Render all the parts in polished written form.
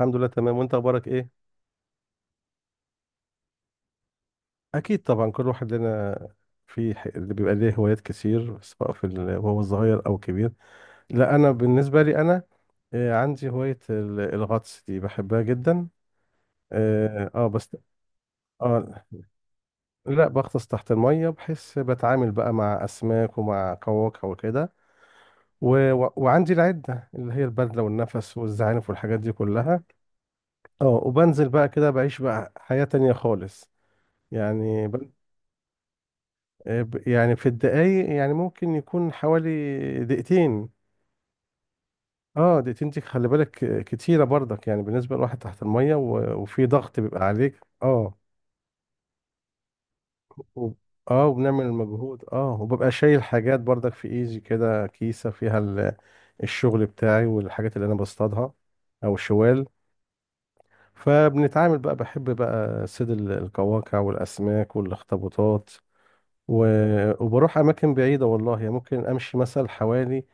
الحمد لله، تمام. وانت اخبارك ايه؟ اكيد طبعا، كل واحد لنا. اللي بيبقى ليه هوايات كتير، سواء وهو صغير او كبير. لا، انا بالنسبه لي انا، عندي هوايه الغطس دي بحبها جدا. بس. اه. لا، بغطس تحت الميه، بحيث بتعامل بقى مع اسماك ومع قواقع وكده. وعندي العده اللي هي البدله والنفس والزعانف والحاجات دي كلها. اه، وبنزل بقى كده بعيش بقى حياه تانية خالص يعني. يعني في الدقايق، يعني ممكن يكون حوالي دقيقتين. اه، دقيقتين دي خلي بالك، كتيرة برضك، يعني بالنسبة لواحد تحت المية وفي ضغط بيبقى عليك اه. و- اه، وبنعمل المجهود، اه، وببقى شايل حاجات برضك في ايزي كده، كيسة فيها الشغل بتاعي والحاجات اللي انا بصطادها، او الشوال. فبنتعامل بقى، بحب بقى صيد القواقع والاسماك والاخطبوطات و... وبروح اماكن بعيدة والله، يعني ممكن امشي مثلا حوالي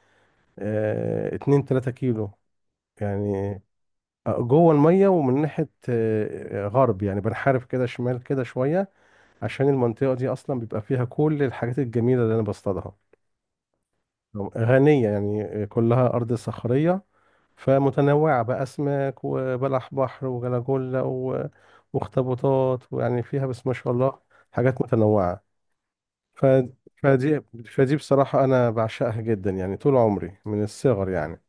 2 3 كيلو يعني، جوه الميه، ومن ناحيه غرب، يعني بنحارب كده شمال كده شويه، عشان المنطقه دي اصلا بيبقى فيها كل الحاجات الجميله اللي انا بصطادها. غنيه يعني، كلها ارض صخريه، فمتنوعه بقى، اسماك وبلح بحر وجلاجولا واخطبوطات، ويعني فيها بس ما شاء الله حاجات متنوعه. ف... فدي فدي بصراحه انا بعشقها جدا، يعني طول عمري من الصغر يعني.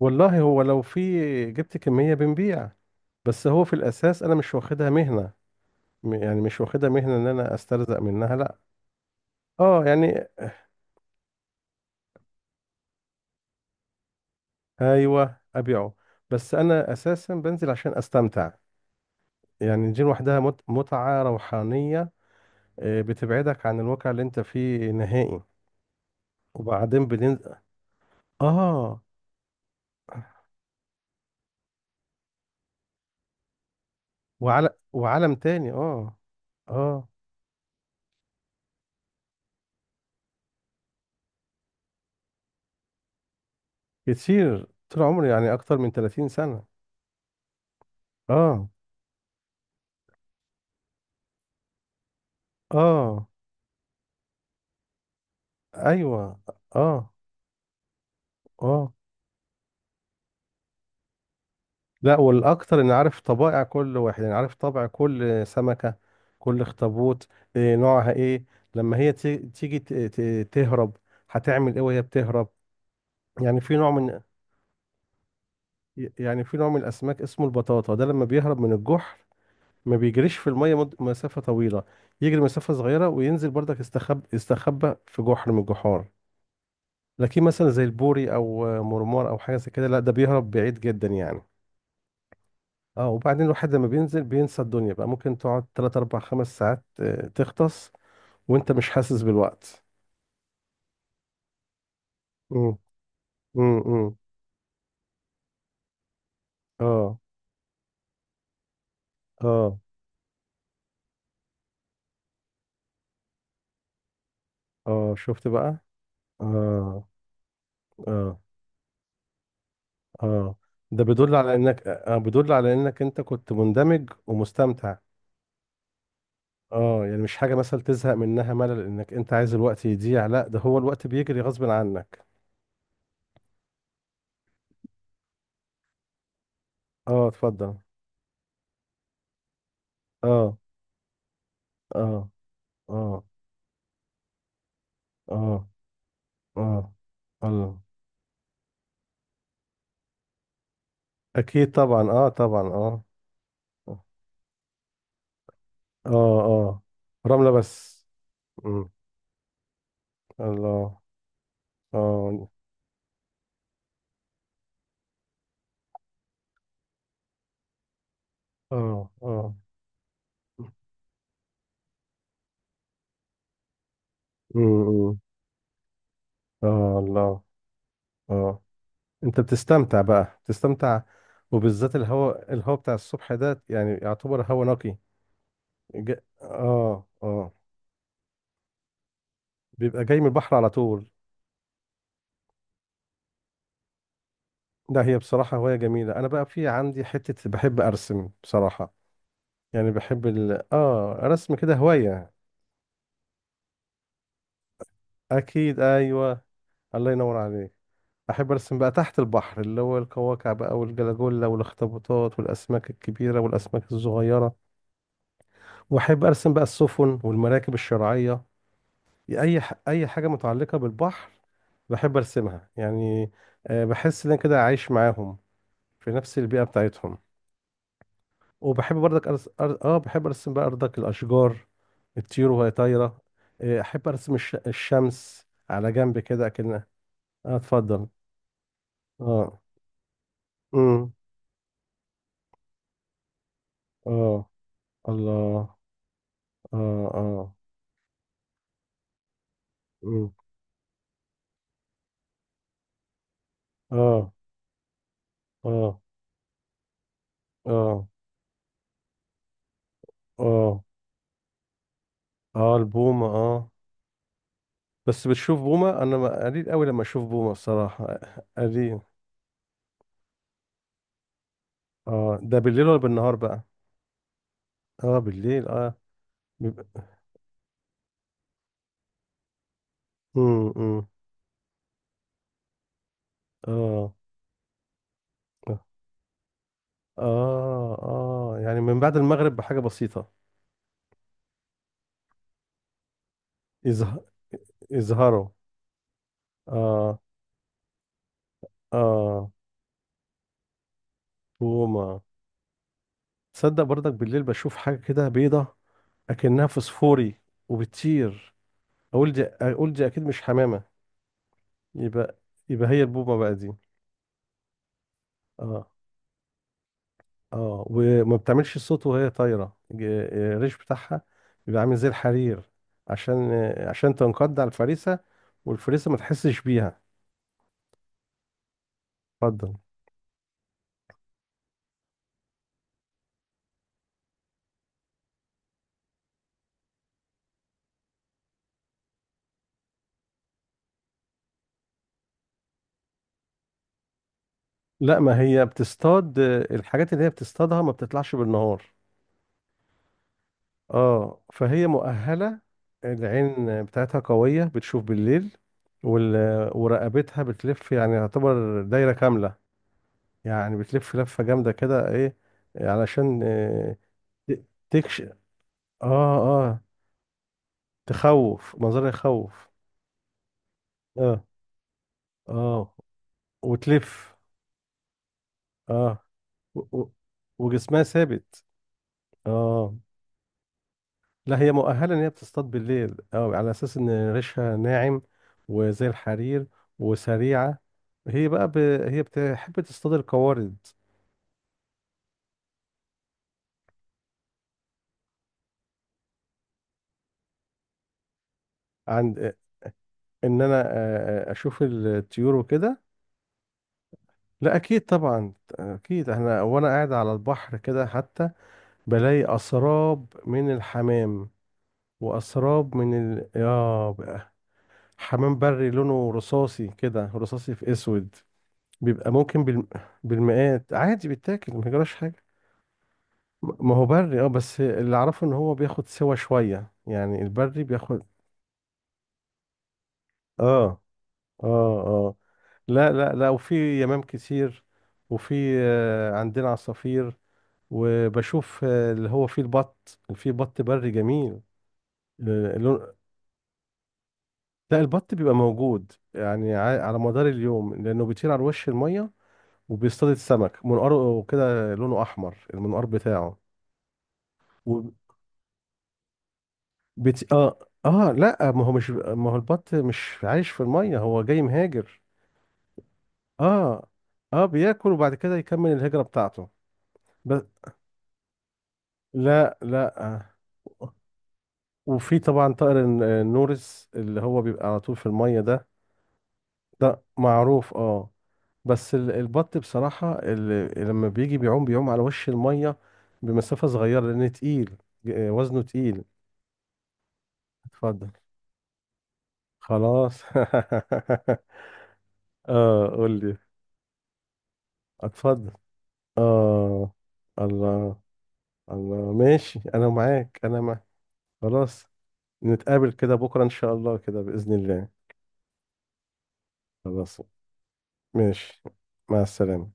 والله، هو لو في جبت كمية بنبيع، بس هو في الأساس أنا مش واخدها مهنة. يعني مش واخدها مهنة إن أنا أسترزق منها، لأ. أه يعني، أيوه أبيعه، بس أنا أساسا بنزل عشان أستمتع. يعني دي لوحدها متعة روحانية. بتبعدك عن الواقع اللي أنت فيه نهائي. وبعدين بننزل أه، وعالم تاني اه. اه، كتير طول عمري، يعني اكتر من 30 سنة. اه. اه. ايوه. اه. اه. لا، والاكتر ان عارف طبائع كل واحد، يعني عارف طبع كل سمكة، كل اخطبوط، إيه نوعها ايه، لما هي تي- تيجي ت- ت- تهرب، هتعمل ايه وهي بتهرب. يعني في نوع من يعني في نوع من الاسماك اسمه البطاطا، ده لما بيهرب من الجحر ما بيجريش في المية مسافة طويلة، يجري مسافة صغيرة وينزل برضك، يستخبى في جحر من الجحار. لكن مثلا زي البوري او مرمار او حاجة زي كده، لا، ده بيهرب بعيد جدا يعني. اه، وبعدين الواحد لما بينزل بينسى الدنيا بقى، ممكن تقعد 3 4 5 ساعات، تختص، وانت مش حاسس بالوقت. مم. امم. اه اه. اه، شفت بقى. اه. اه. اه. ده بيدل على انك بيدل على انك انت كنت مندمج ومستمتع. اه، يعني مش حاجة مثلا تزهق منها ملل، انك انت عايز الوقت يضيع، لا ده هو الوقت بيجري غصب عنك. اه، اتفضل. اه. اه. اه. اه. اه. الله. اكيد طبعا اه، طبعا اه. اه. اه. رملة بس. مم. الله. اه. اه. اه. مم. اه الله. اه. انت بتستمتع بقى، بتستمتع. وبالذات الهواء، الهواء بتاع الصبح ده يعني يعتبر هواء نقي. اه اه، بيبقى جاي من البحر على طول. لا، هي بصراحة هواية جميلة. انا بقى في عندي حتة، بحب ارسم بصراحة. يعني بحب ال... اه رسم كده هواية. اكيد، ايوه. الله ينور عليك. احب ارسم بقى تحت البحر، اللي هو القواقع بقى والجلاجولا والاخطبوطات والاسماك الكبيره والاسماك الصغيره. واحب ارسم بقى السفن والمراكب الشراعيه، اي حاجه متعلقه بالبحر بحب ارسمها يعني. بحس ان انا كده عايش معاهم في نفس البيئه بتاعتهم. وبحب برضك أرس... أر... اه بحب ارسم بقى برضك الاشجار، الطيور وهي طايره. احب ارسم الشمس على جنب كده كأنها. اه اتفضل. اه. امم. اه الله. اه اه. مم. اه اه. اه. اه. اه. البومة اه. بس بتشوف بومة انا قليل قوي لما اشوف بومة الصراحة قليل. اه، ده بالليل ولا بالنهار بقى؟ اه بالليل اه. بيبقى. امم. اه. اه، اه يعني من بعد المغرب بحاجة بسيطة. يظه- يظهروا. اه. اه. بومة. تصدق برضك بالليل بشوف حاجة كده بيضة، اكنها فسفوري، وبتطير. اقول دي، اقول دي اكيد مش حمامة. يبقى يبقى هي البومة بقى دي. اه. اه، وما بتعملش صوت وهي طايرة. الريش بتاعها بيبقى عامل زي الحرير، عشان عشان تنقض على الفريسة، والفريسة ما تحسش بيها. اتفضل. لا، ما هي بتصطاد الحاجات اللي هي بتصطادها ما بتطلعش بالنهار. اه، فهي مؤهلة، العين بتاعتها قوية بتشوف بالليل. وال... ورقبتها بتلف يعني يعتبر دايرة كاملة، يعني بتلف لفة جامدة كده ايه، علشان ت- تكش اه. اه، تخوف، منظرها يخوف. اه. اه وتلف. اه. و... و... وجسمها ثابت. اه، لا هي مؤهلة ان هي بتصطاد بالليل اه، على اساس ان ريشها ناعم وزي الحرير، وسريعة. هي بقى ب... هي بتحب تصطاد القوارض. عند، ان انا اشوف الطيور وكده. لا اكيد طبعا. اكيد، احنا وانا قاعد على البحر كده حتى بلاقي اسراب من الحمام، وأسراب من ال... آه بقى. حمام بري لونه رصاصي كده، رصاصي في أسود. بيبقى ممكن بالمئات، عادي، بيتاكل ما يجراش حاجة. ما هو بري اه، بس اللي أعرفه إن هو بياخد سوا شوية، يعني البري بياخد. اه اه اه. لا وفي يمام كتير، وفي عندنا عصافير. وبشوف اللي هو فيه البط، اللي فيه بط بري جميل. لا، البط بيبقى موجود يعني على مدار اليوم، لأنه بيطير على وش المية وبيصطاد السمك، منقاره كده لونه أحمر، المنقار بتاعه. وبت... آه آه لا، ما هو البط مش عايش في المية، هو جاي مهاجر. آه، آه بياكل وبعد كده يكمل الهجرة بتاعته. بس. لا لا وفي طبعا طائر النورس، اللي هو بيبقى على طول في المية ده. ده معروف اه. بس البط بصراحة لما بيجي بيعوم، بيعوم على وش المية بمسافة صغيرة لأن تقيل، وزنه تقيل. اتفضل. خلاص اه قول لي. اتفضل. اه. الله. الله ماشي، انا معاك انا معاك. خلاص. نتقابل كده بكرة ان شاء الله، كده بإذن الله. خلاص. ماشي. مع السلامة.